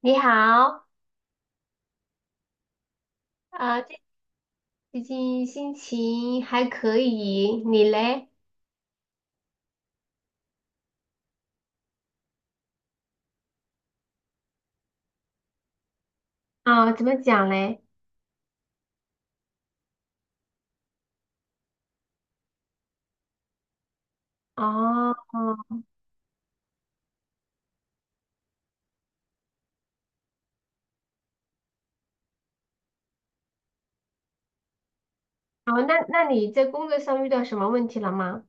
你好。啊、这最近心情还可以，你嘞？怎么讲嘞？哦。哦，那你在工作上遇到什么问题了吗？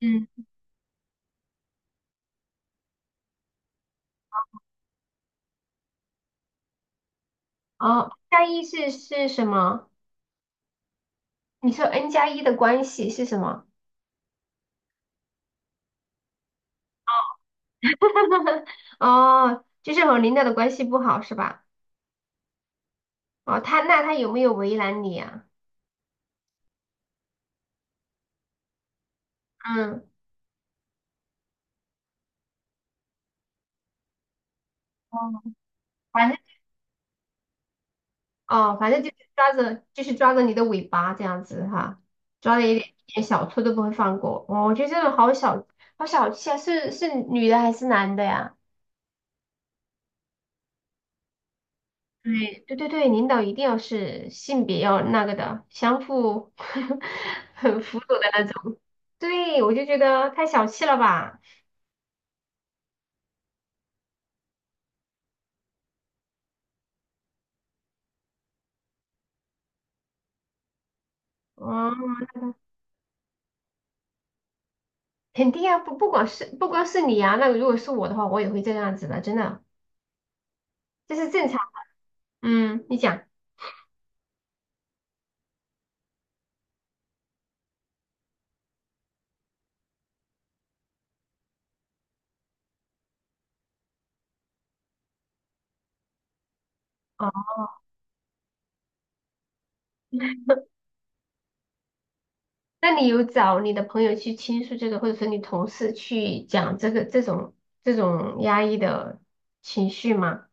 嗯。哦，加一是什么？你说 N 加一的关系是什么？哦，就是和领导的关系不好是吧？哦，他有没有为难你啊？嗯。哦，反正哦，反正就是抓着，你的尾巴这样子哈，抓着一点一点小错都不会放过。哦，我觉得这种好小，好小气啊！是女的还是男的呀？对对对对，领导一定要是性别要那个的，相互 很辅佐的那种。对，我就觉得太小气了吧？嗯。肯定啊，不光是你啊，那如果是我的话，我也会这样子的，真的，这是正常。嗯，你讲。啊。那你有找你的朋友去倾诉这个，或者说你同事去讲这种压抑的情绪吗？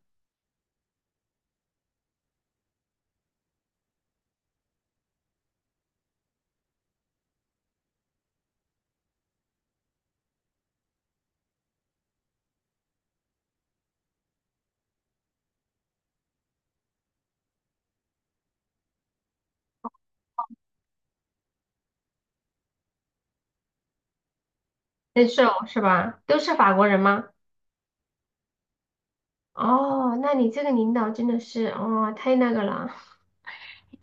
难受是吧？都是法国人吗？哦，那你这个领导真的是哦，太那个了。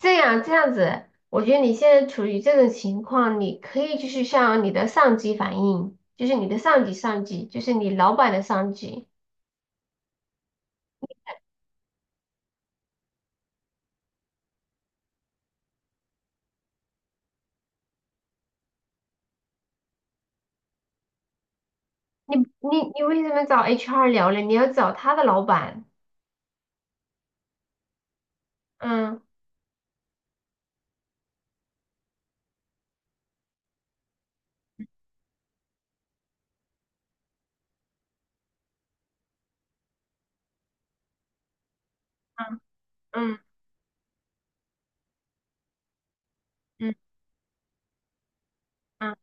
这样子，我觉得你现在处于这种情况，你可以就是向你的上级反映，就是你的上级，就是你老板的上级。你为什么找 HR 聊呢？你要找他的老板。嗯嗯嗯嗯嗯。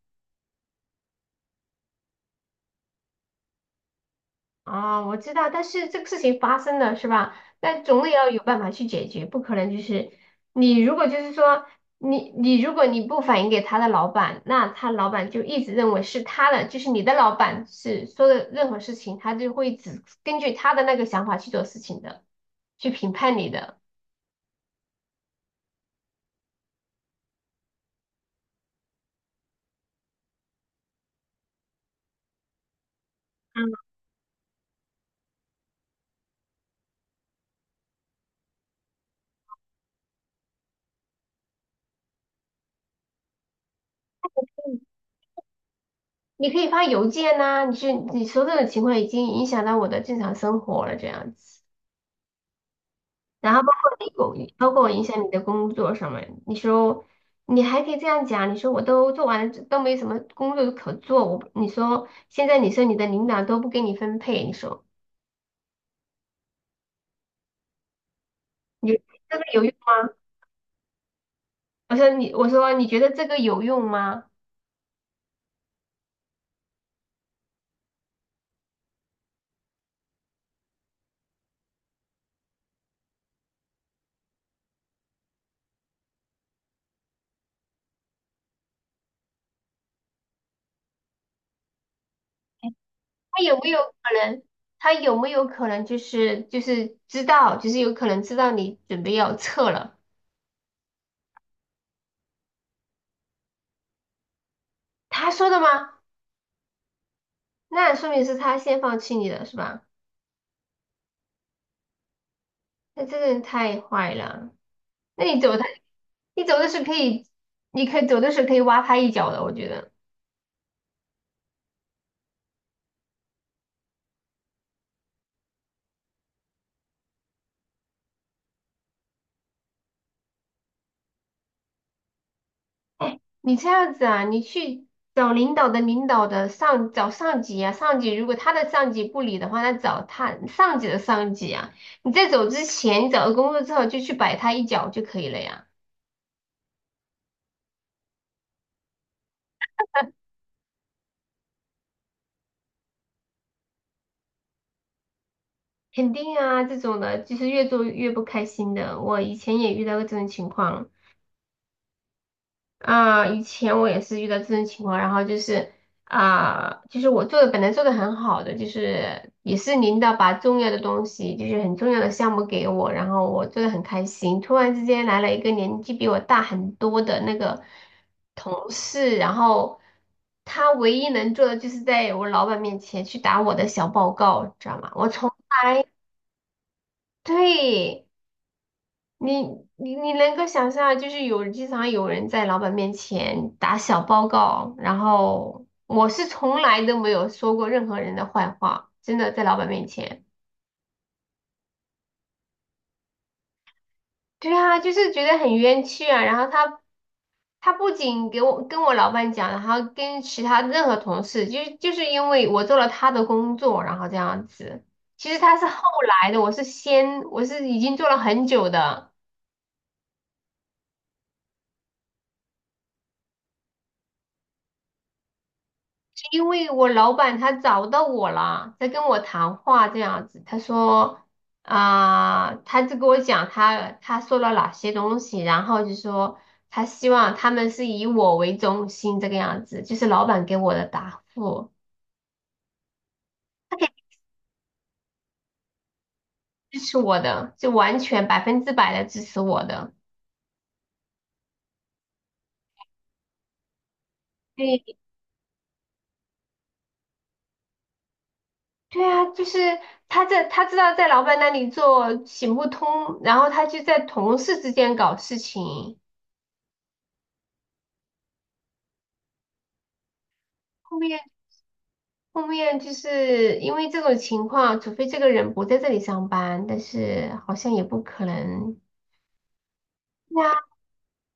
哦，我知道，但是这个事情发生了是吧？那总得要有办法去解决，不可能就是你如果就是说你如果你不反映给他的老板，那他老板就一直认为是他的，就是你的老板是说的任何事情，他就会只根据他的那个想法去做事情的，去评判你的。嗯，你可以发邮件呐、你说这种情况已经影响到我的正常生活了，这样子。然后，包括影响你的工作上面，你说你还可以这样讲，你说我都做完了，都没什么工作可做，你说现在你说你的领导都不给你分配，你说你觉得这个有用吗？我说你觉得这个有用吗？他有没有可能？他有没有可能就是知道，就是有可能知道你准备要撤了？他说的吗？那说明是他先放弃你的是吧？那这个人太坏了。那你走的，你走的时候可以，你可以走的时候可以挖他一脚的，我觉得。你这样子啊，你去找领导的领导的上，找上级啊，上级如果他的上级不理的话，那找他上级的上级啊。你在走之前，你找到工作之后就去摆他一脚就可以了呀。肯定啊，这种的就是越做越不开心的。我以前也遇到过这种情况。以前我也是遇到这种情况，就是我做的本来做的很好的，就是也是领导把重要的东西，就是很重要的项目给我，然后我做的很开心。突然之间来了一个年纪比我大很多的那个同事，然后他唯一能做的就是在我老板面前去打我的小报告，知道吗？我从对。你你能够想象，就是有经常有人在老板面前打小报告，然后我是从来都没有说过任何人的坏话，真的在老板面前。对啊，就是觉得很冤屈啊。然后他不仅给我跟我老板讲，然后跟其他任何同事，因为我做了他的工作，然后这样子。其实他是后来的，我是已经做了很久的。是因为我老板他找到我了，在跟我谈话这样子。他说他就跟我讲他说了哪些东西，然后就说他希望他们是以我为中心这个样子，就是老板给我的答复，他肯定支持我的，就完全百分之百的支持我的。对，对啊，就是他在他知道在老板那里做行不通，然后他就在同事之间搞事情。后面。后面就是因为这种情况，除非这个人不在这里上班，但是好像也不可能。对啊，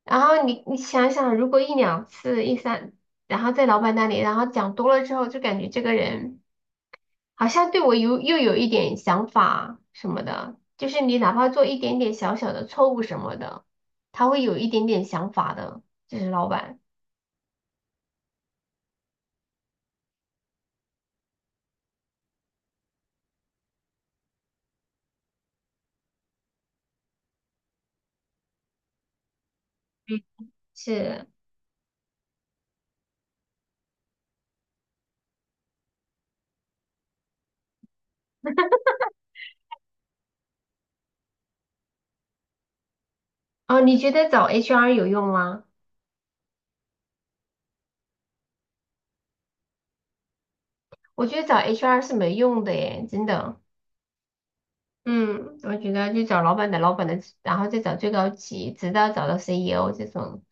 然后你你想想，如果一两次、一三，然后在老板那里，然后讲多了之后，就感觉这个人好像对我又有一点想法什么的，就是你哪怕做一点点小小的错误什么的，他会有一点点想法的，就是老板。嗯，是，哦，你觉得找 HR 有用吗？我觉得找 HR 是没用的耶，真的。嗯，我觉得就找老板的老板的，然后再找最高级，直到找到 CEO 这种，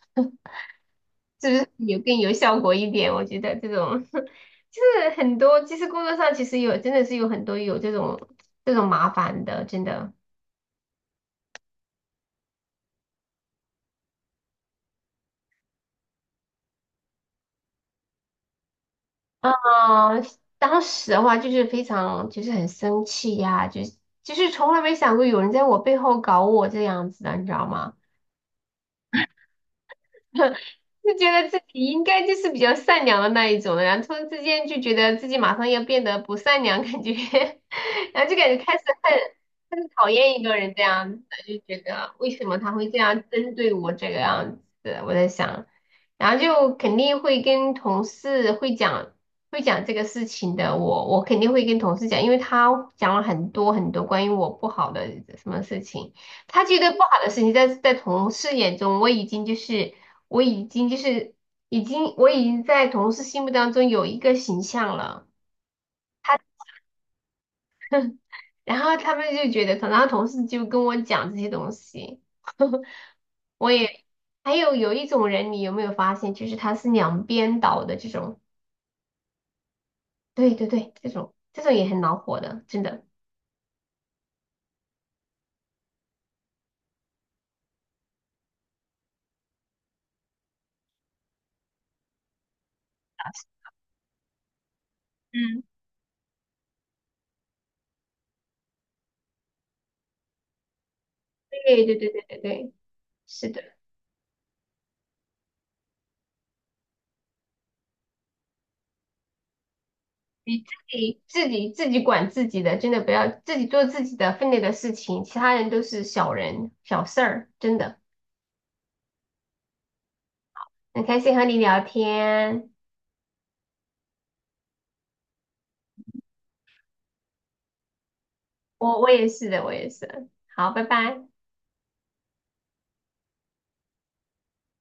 是不是有更有效果一点？我觉得这种 就是很多，其实工作上其实有真的是有很多有这种这种麻烦的，真的。啊，当时的话就是非常就是很生气呀，就是从来没想过有人在我背后搞我这样子的，你知道吗？就觉得自己应该就是比较善良的那一种的，然后突然之间就觉得自己马上要变得不善良，感觉，然后就感觉开始恨，开始讨厌一个人这样子，就觉得为什么他会这样针对我这个样子，我在想，然后就肯定会跟同事会讲，会讲这个事情的，我肯定会跟同事讲，因为他讲了很多很多关于我不好的什么事情。他觉得不好的事情在同事眼中，我已经就是我已经就是我已经在同事心目当中有一个形象了，他然后他们就觉得，然后同事就跟我讲这些东西，我也还有一种人，你有没有发现，就是他是两边倒的这种，对对对，这种这种也很恼火的，真的，嗯，对对对对对对，是的。你自己管自己的，真的不要自己做自己的分内的事情，其他人都是小人小事儿，真的。很开心和你聊天，我也是的，我也是。好，拜拜。